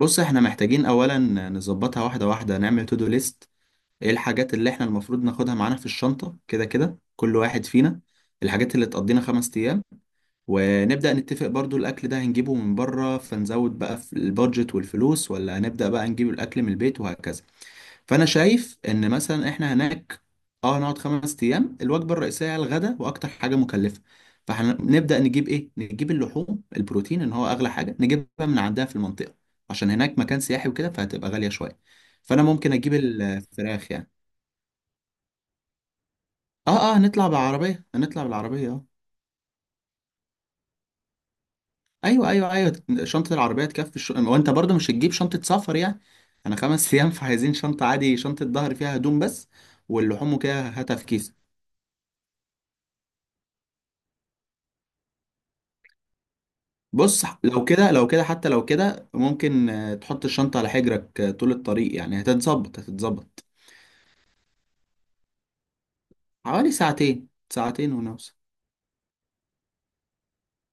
بص، احنا محتاجين اولا نظبطها واحده واحده. نعمل تو دو ليست، ايه الحاجات اللي احنا المفروض ناخدها معانا في الشنطه كده كده كل واحد فينا الحاجات اللي تقضينا 5 ايام. ونبدا نتفق برضو، الاكل ده هنجيبه من بره فنزود بقى في البادجت والفلوس، ولا هنبدا بقى نجيب الاكل من البيت وهكذا. فانا شايف ان مثلا احنا هناك اه هنقعد 5 ايام، الوجبه الرئيسيه على الغداء واكتر حاجه مكلفه. فهنبدا نجيب ايه، نجيب اللحوم، البروتين ان هو اغلى حاجه نجيبها من عندها في المنطقه، عشان هناك مكان سياحي وكده فهتبقى غاليه شويه. فانا ممكن اجيب الفراخ يعني. اه اه، هنطلع بالعربيه، هنطلع بالعربيه اه. ايوه ايوه ايوه، شنطه العربيه تكفي وانت برضو مش هتجيب شنطه سفر يعني، انا 5 ايام فعايزين شنطه عادي، شنطه ظهر فيها هدوم بس. واللحوم وكده هاتها في كيس. بص لو كده لو كده حتى لو كده ممكن آه، تحط الشنطة على حجرك آه، طول الطريق، يعني هتتظبط هتتظبط. حوالي ساعتين ساعتين ونوصل.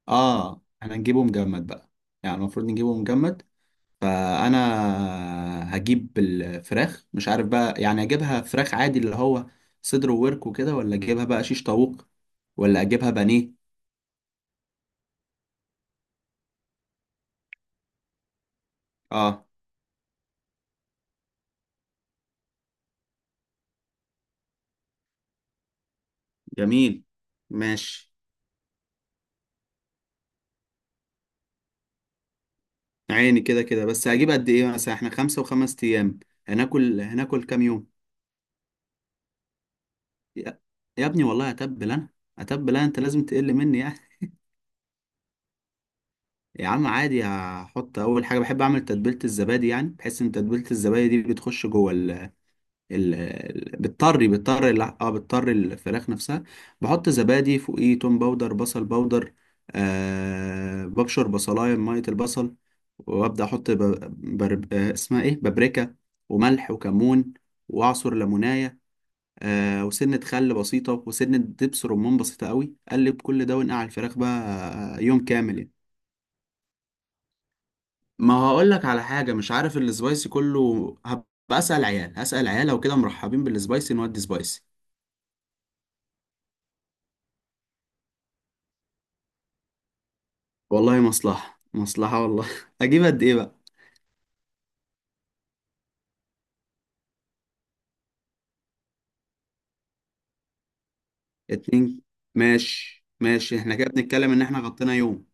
اه، احنا هنجيبه مجمد بقى. يعني المفروض نجيبه مجمد. فانا هجيب الفراخ، مش عارف بقى يعني اجيبها فراخ عادي اللي هو صدر وورك وكده، ولا اجيبها بقى شيش طاووق، ولا اجيبها بانيه. اه. جميل. ماشي. عيني كده كده، بس هجيب قد ايه؟ مثلا احنا 5 و5 ايام. هناكل كام يوم. يا يا ابني، والله اتبل انا، اتبل انا انت لازم تقل مني يعني. يا عم عادي، هحط اول حاجه بحب اعمل تتبيله الزبادي، يعني بحس ان تتبيله الزبادي دي بتخش جوه ال بتطري بتطري الع- اه بتطري الفراخ نفسها. بحط زبادي فوقيه، توم باودر، بصل باودر، آه ببشر بصلايه بميه البصل. وابدا احط ب... بر... آه اسمها ايه، بابريكا، وملح، وكمون، واعصر ليمونايه. آه، وسنة خل بسيطة، وسنة دبس رمان بسيطة قوي، قلب كل ده ونقع الفراخ بقى. آه، يوم كامل يعني. ما هقول لك على حاجة، مش عارف السبايسي كله هبقى. أسأل عيال، هسأل عيال، لو كده مرحبين بالسبايسي نودي سبايسي. والله مصلحة مصلحة والله أجيب قد إيه بقى؟ اتنين. ماشي ماشي، احنا كده بنتكلم إن احنا غطينا يوم.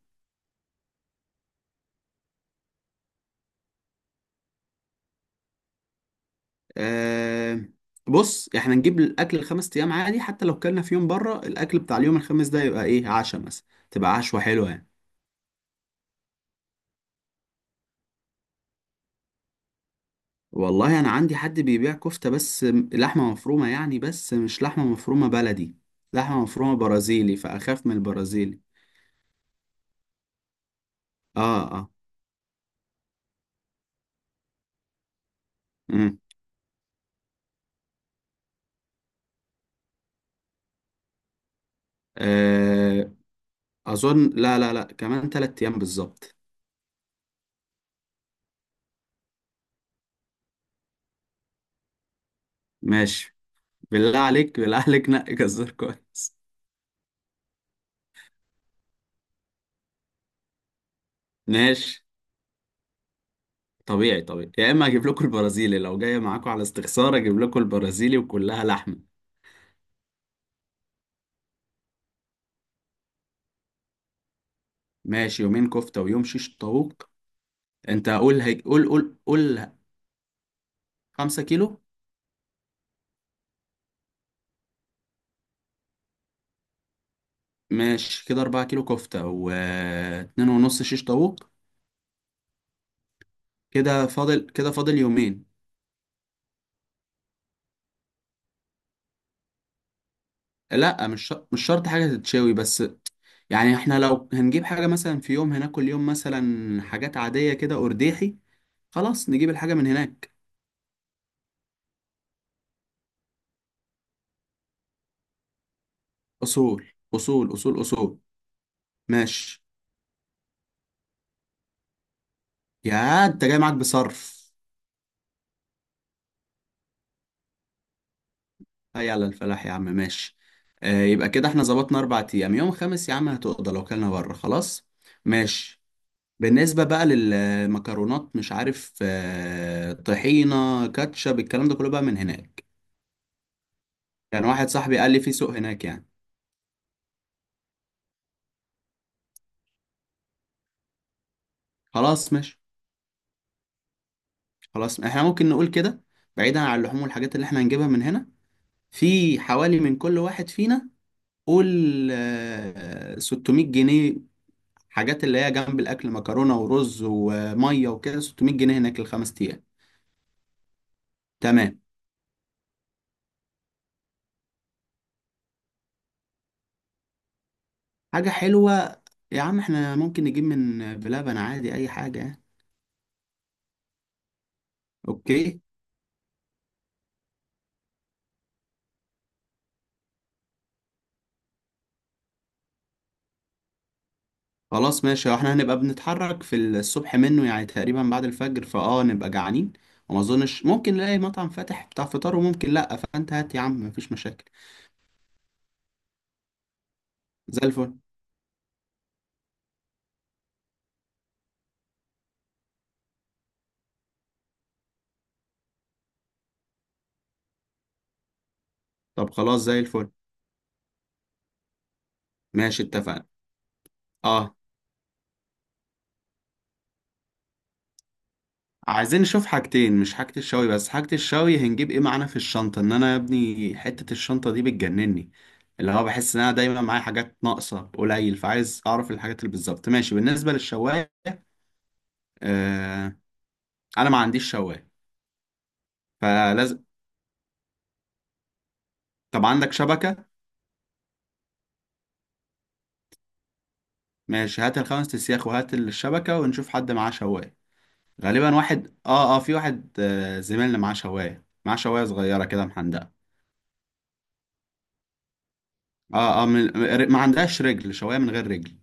آه، بص احنا نجيب الأكل الخمس أيام عادي، حتى لو كلنا في يوم بره، الأكل بتاع اليوم الخامس ده يبقى إيه عشاء مثلا، تبقى عشوة حلوة يعني. والله انا عندي حد بيبيع كفتة، بس م- لحمة مفرومة يعني، بس مش لحمة مفرومة بلدي، لحمة مفرومة برازيلي، فاخاف من البرازيلي. اه اه. امم آه، اظن لا لا لا، كمان 3 ايام بالظبط. ماشي. بالله عليك، بالله عليك نقي جزار كويس. ماشي. طبيعي طبيعي، يا اما اجيب لكم البرازيلي لو جاي معاكم على استخسار اجيب لكم البرازيلي، وكلها لحمة. ماشي، يومين كفتة ويوم شيش طاووق. انت قول هيك، قول قول قول. 5 كيلو. ماشي كده، 4 كيلو كفتة واتنين ونص شيش طاووق. كده فاضل كده فاضل يومين. لأ، مش شرط حاجة تتشوي، بس يعني احنا لو هنجيب حاجة مثلا في يوم هناكل يوم مثلا حاجات عادية كده أرديحي، خلاص نجيب الحاجة من هناك. أصول أصول أصول. أصول. ماشي، يا أنت جاي معاك بصرف. هيا على الفلاح يا عم، ماشي. آه، يبقى كده احنا ظبطنا 4 أيام، يوم خامس يا عم هتقضى لو كلنا بره خلاص. ماشي. بالنسبة بقى للمكرونات، مش عارف آه، طحينة كاتشب الكلام ده كله بقى من هناك. يعني واحد صاحبي قال لي في سوق هناك يعني. خلاص ماشي، خلاص احنا ممكن نقول كده. بعيدا عن اللحوم والحاجات اللي احنا هنجيبها من هنا، في حوالي من كل واحد فينا، قول آه، 600 جنيه. حاجات اللي هي جنب الأكل، مكرونة ورز ومية وكده، 600 جنيه هناك ال5 أيام. تمام. حاجة حلوة، يا عم احنا ممكن نجيب من بلبن عادي أي حاجة يعني. اوكي. خلاص ماشي، احنا هنبقى بنتحرك في الصبح منه يعني تقريبا بعد الفجر، فاه نبقى جعانين وما اظنش ممكن نلاقي مطعم فاتح بتاع فطار، وممكن لا، فانت هات يا عم مفيش مشاكل. زي الفل. طب خلاص، زي الفل. ماشي اتفقنا. اه، عايزين نشوف حاجتين، مش حاجة الشوي بس، حاجة الشوي هنجيب ايه معانا في الشنطة، ان انا يا ابني حتة الشنطة دي بتجنني، اللي هو بحس ان انا دايما معايا حاجات ناقصة قليل، فعايز اعرف الحاجات اللي بالظبط. ماشي، بالنسبة للشواية. آه. انا ما عنديش شواية. فلازم. طب عندك شبكة. ماشي، هات الخمس تسياخ وهات الشبكة ونشوف حد معاه شواية. غالبا واحد اه اه في واحد آه زميلنا معاه شواية، معاه شواية صغيرة كده محندقة. اه اه، ما عندهاش رجل شواية، من غير رجل.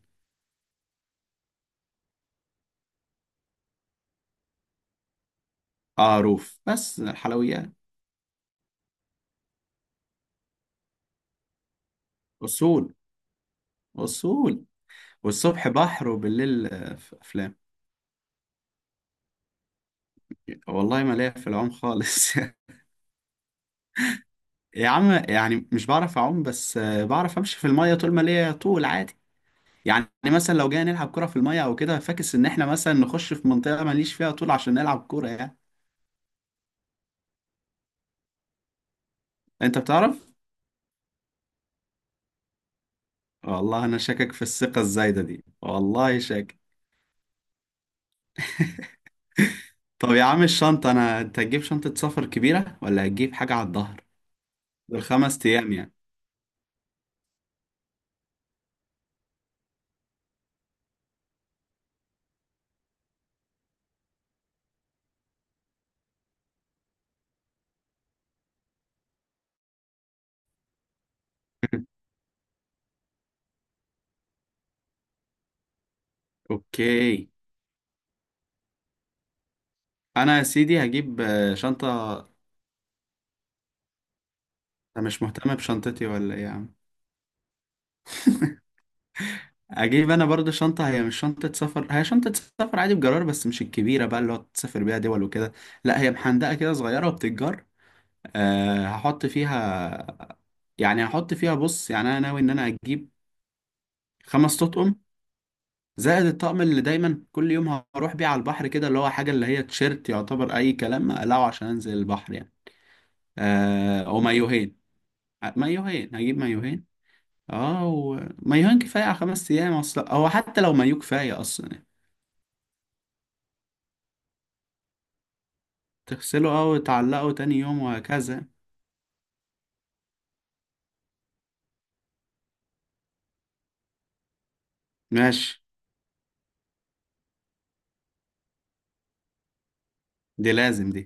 اه، روف بس الحلويات. أصول أصول. والصبح بحر، وبالليل آه، أفلام. والله ما ليا في العوم خالص يا عم يعني مش بعرف أعوم، بس آه بعرف أمشي في المية طول ما ليا طول عادي. يعني مثلا لو جينا نلعب كرة في المية او كده، فاكس ان احنا مثلا نخش في منطقة ماليش فيها طول عشان نلعب كورة يعني. انت بتعرف. والله انا شاكك في الثقة الزايدة دي، والله شاكك. طب يا عم الشنطة انا، انت هتجيب شنطة سفر كبيرة ولا هتجيب حاجة على الظهر؟ ال5 ايام يعني. اوكي. انا يا سيدي هجيب آه، شنطة. انا مش مهتم بشنطتي ولا ايه يا عم. اجيب انا برضه شنطة، هي مش شنطة سفر، هي شنطة سفر عادي بجرار، بس مش الكبيرة بقى اللي هو تسافر بيها دول وكده، لا هي محندقة كده صغيرة وبتتجر. أه هحط فيها. يعني هحط فيها، بص يعني انا ناوي ان انا اجيب 5 تطقم، زائد الطقم اللي دايما كل يوم هروح بيه على البحر كده، اللي هو حاجه اللي هي تيشيرت يعتبر اي كلام اقلعه عشان انزل البحر يعني. أه، او مايوهين. آه، مايوهين، هجيب مايوهين. اه، ومايوهين كفايه على 5 ايام اصلا، او حتى لو مايو كفايه اصلا يعني. تغسله او تعلقه تاني يوم وهكذا. ماشي. دي لازم دي.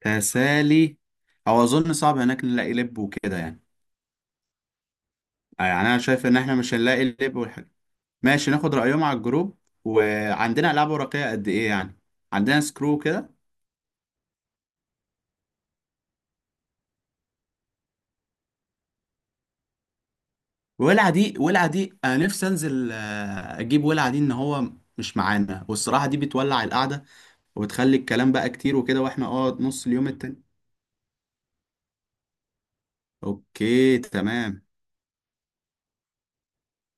تسالي. او اظن صعب هناك نلاقي لب وكده يعني. يعني انا شايف ان احنا مش هنلاقي اللب والحاجة. ماشي، ناخد رأيهم على الجروب. وعندنا ألعاب ورقية قد ايه يعني، عندنا سكرو كده. ولع دي، ولع دي انا نفسي انزل آه، اجيب ولع دي، ان هو مش معانا، والصراحة دي بتولع القعدة، وبتخلي الكلام بقى كتير وكده واحنا اه نص اليوم التاني. اوكي تمام.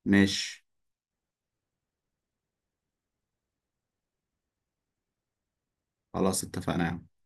ماشي خلاص اتفقنا يا عم.